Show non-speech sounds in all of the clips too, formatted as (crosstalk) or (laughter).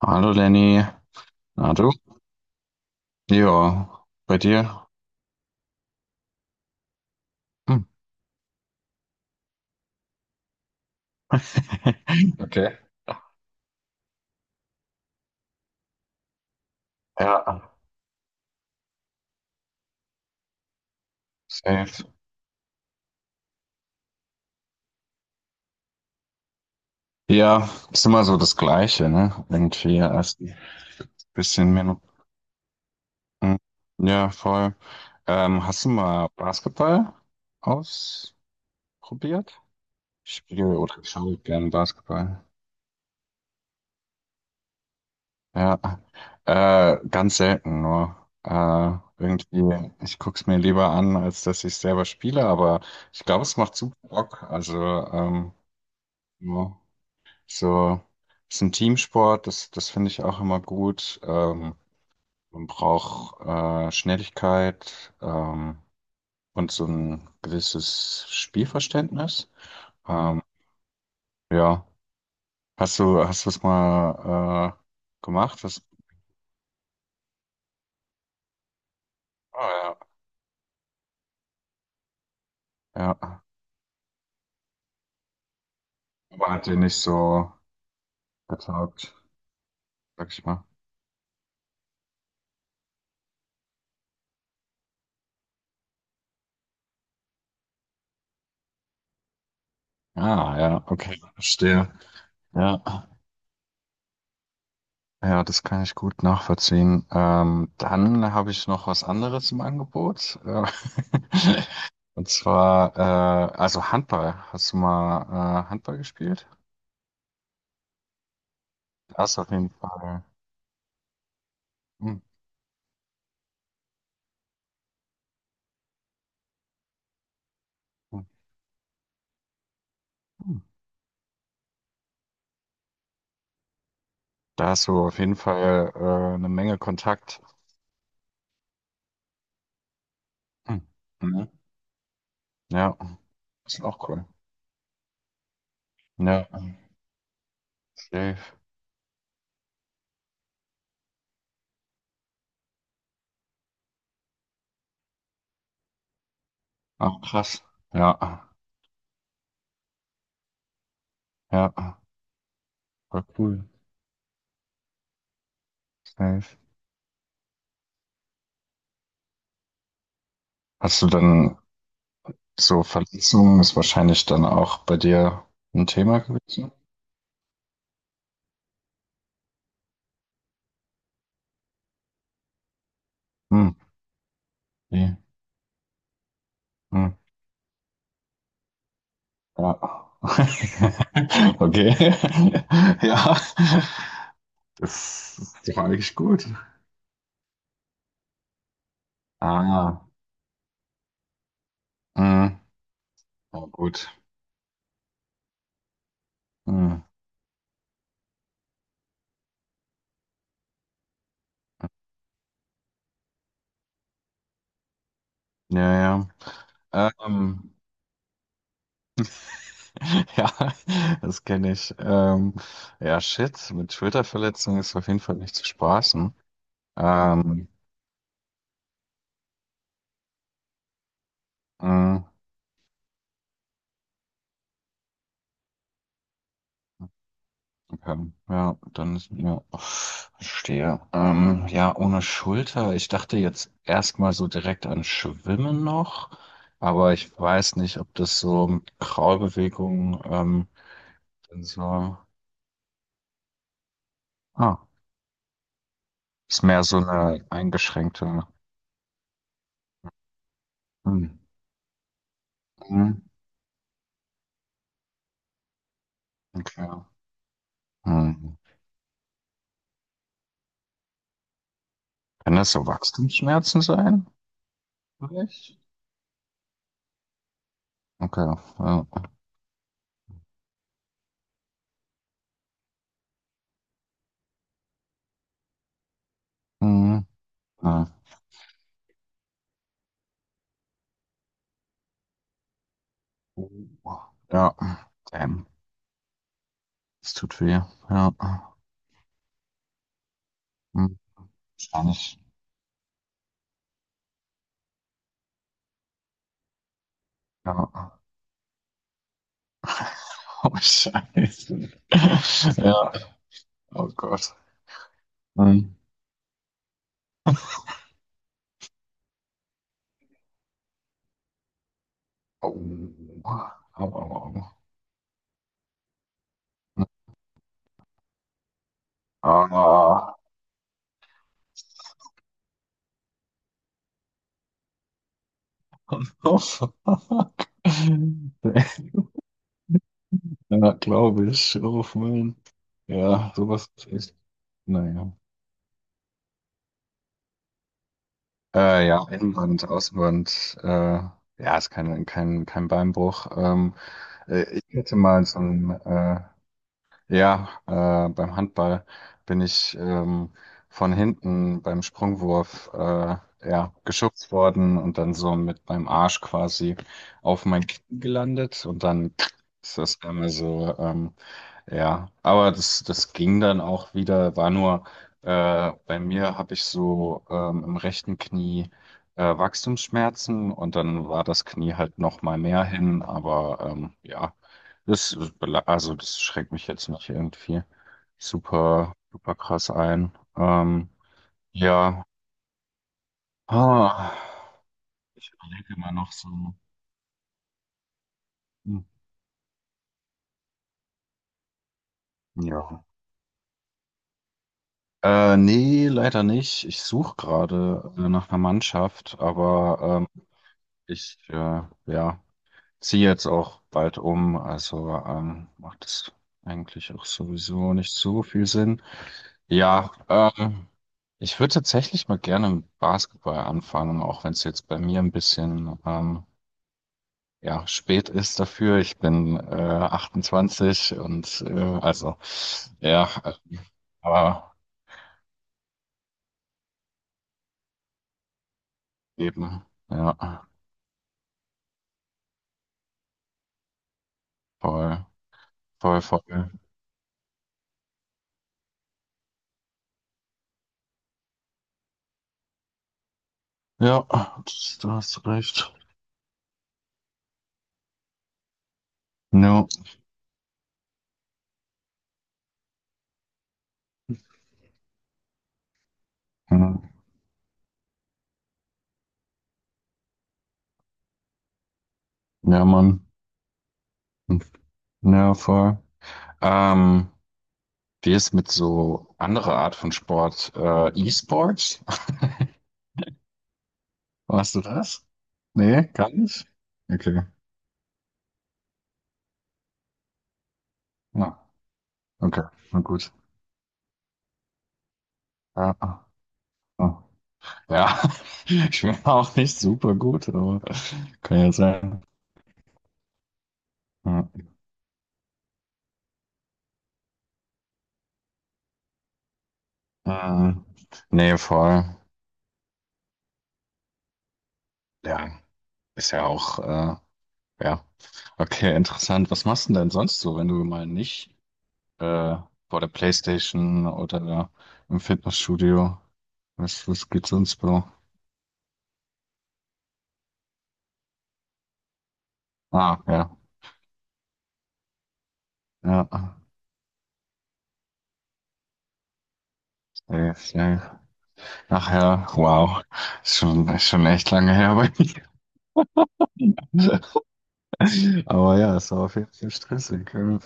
Hallo Lenny, na du? Ja, bei dir? Hm. (laughs) Okay. Ja, safe. Ja, ist immer so das Gleiche, ne? Irgendwie erst ein bisschen Minuten. Ja, voll. Hast du mal Basketball ausprobiert? Ich spiele oder schaue gern Basketball. Ja, ganz selten nur. Irgendwie, ich guck's mir lieber an, als dass ich selber spiele, aber ich glaube, es macht super Bock. Also, ähm, ja, so, ist ein Teamsport, das finde ich auch immer gut. Man braucht Schnelligkeit und so ein gewisses Spielverständnis. Ähm, ja, hast du es mal gemacht? Hast, ah, ja, ja, aber hat dir nicht so. Getaugt, sag ich mal. Ah, ja, okay, verstehe. Ja, ja, das kann ich gut nachvollziehen. Dann habe ich noch was anderes im Angebot. Und zwar, also Handball. Hast du mal Handball gespielt? Da hast du auf jeden Fall, hm, hm, hm. Da hast du auf jeden Fall eine Menge Kontakt. Hm. Mhm. Ja, das ist auch cool. Ja, safe. Ah, krass. Ja, ja, voll cool. Safe. Hast du dann so Verletzungen, ist wahrscheinlich dann auch bei dir ein Thema gewesen. Hm, wie? Hm, ja. (laughs) Okay. (laughs) Ja. Das ist doch eigentlich gut. Ah, hm. Oh, gut. Hm. Ja, ja. (laughs) Ja, das kenne ich. Ja, shit, mit Schulterverletzung ist auf jeden Fall nicht zu spaßen. Ähm, hm. Ja, dann ist ja, verstehe. Ja, ohne Schulter. Ich dachte jetzt erstmal so direkt an Schwimmen noch, aber ich weiß nicht, ob das so mit Kraulbewegung dann so. Ah, ist mehr so eine eingeschränkte. Hm. Hm. Okay. Hm. Kann das so Wachstumsschmerzen sein? Vielleicht? Okay. Ja. Hm. Ja. Oh. Ja. Damn. Es tut weh. Ja. Hm. Wahrscheinlich. Ja. Oh, Scheiße. (laughs) Ja, oh Gott. Mhm. Au. Au, au, au. Ah. (laughs) Oh, fuck. Ja, glaube ich. Oh, Mann. Ja, sowas ist echt. Naja. Ja, Innenband, Außenband. Ja, ist kein Beinbruch. Ich hätte mal so ein ja, beim Handball bin ich von hinten beim Sprungwurf ja, geschubst worden und dann so mit meinem Arsch quasi auf mein Knie gelandet und dann ist das einmal so ja, aber das ging dann auch wieder, war nur, bei mir habe ich so im rechten Knie Wachstumsschmerzen und dann war das Knie halt noch mal mehr hin, aber ja, das, also das schränkt mich jetzt nicht irgendwie super, super krass ein. Ja, ah, ich überlege immer noch so, hm, ja. Nee, leider nicht. Ich suche gerade nach einer Mannschaft, aber ich ja, ziehe jetzt auch bald um, also macht es eigentlich auch sowieso nicht so viel Sinn. Ja, ich würde tatsächlich mal gerne mit Basketball anfangen, auch wenn es jetzt bei mir ein bisschen ja, spät ist dafür. Ich bin 28 und also ja, aber eben, ja, voll, voll. Ja, das, du hast recht. Ja, hm, ja, Mann. Ja, voll. Ähm, wie ist mit so anderer Art von Sport? E-Sports? (laughs) Warst du das? Nee, gar nicht? Okay. Ja, okay. Na gut. Ja, ja. Ja. (laughs) Ich bin auch nicht super gut, aber kann ja sein. Ja. Ähm, nee, voll. Ja, ist ja auch, ja. Okay, interessant. Was machst du denn sonst so, wenn du mal nicht äh, vor der PlayStation oder im Fitnessstudio. Was gibt's sonst, Bro? Ah, ja. Ja, safe. Ach ja, wow. Ist schon echt lange her bei mir. (laughs) Aber ja, es war auf jeden Fall stressig. Ja.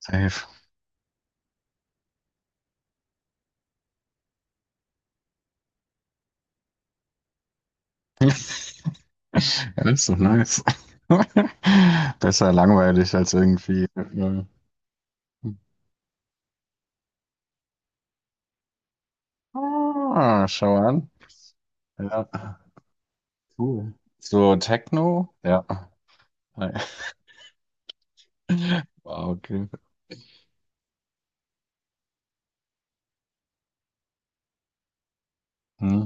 Safe. (laughs) Ja, das ist doch nice. (laughs) Besser langweilig als irgendwie. Äh, ah, schau an. Ja, cool. So, Techno? Ja. Hi. (laughs) Wow, okay. Hm,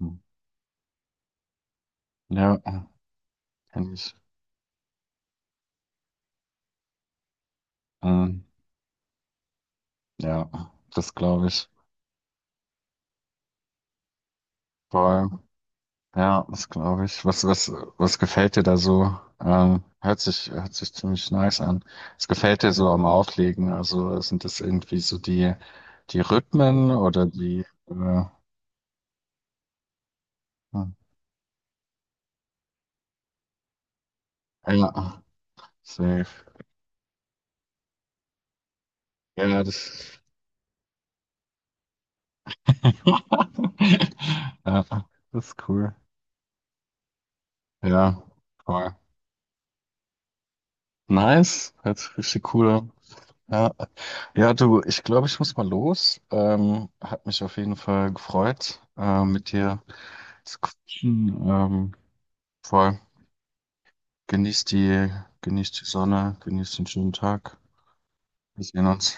hm. Ja, kenn ich. Ähm, ja, das glaube ich. Voll. Ja, das glaube ich. Was gefällt dir da so? Ähm, hört sich ziemlich nice an. Was gefällt dir so am Auflegen? Also sind das irgendwie so die Rhythmen oder die, äh, hm, ja, safe. Ja, das, (laughs) ja, das ist cool. Ja, voll. Nice. Hört sich richtig cool an. Ja, ja, du, ich glaube, ich muss mal los. Hat mich auf jeden Fall gefreut, mit dir zu quatschen. Voll. Genieß die, genieß die Sonne, genieß den schönen Tag. Wir sehen uns.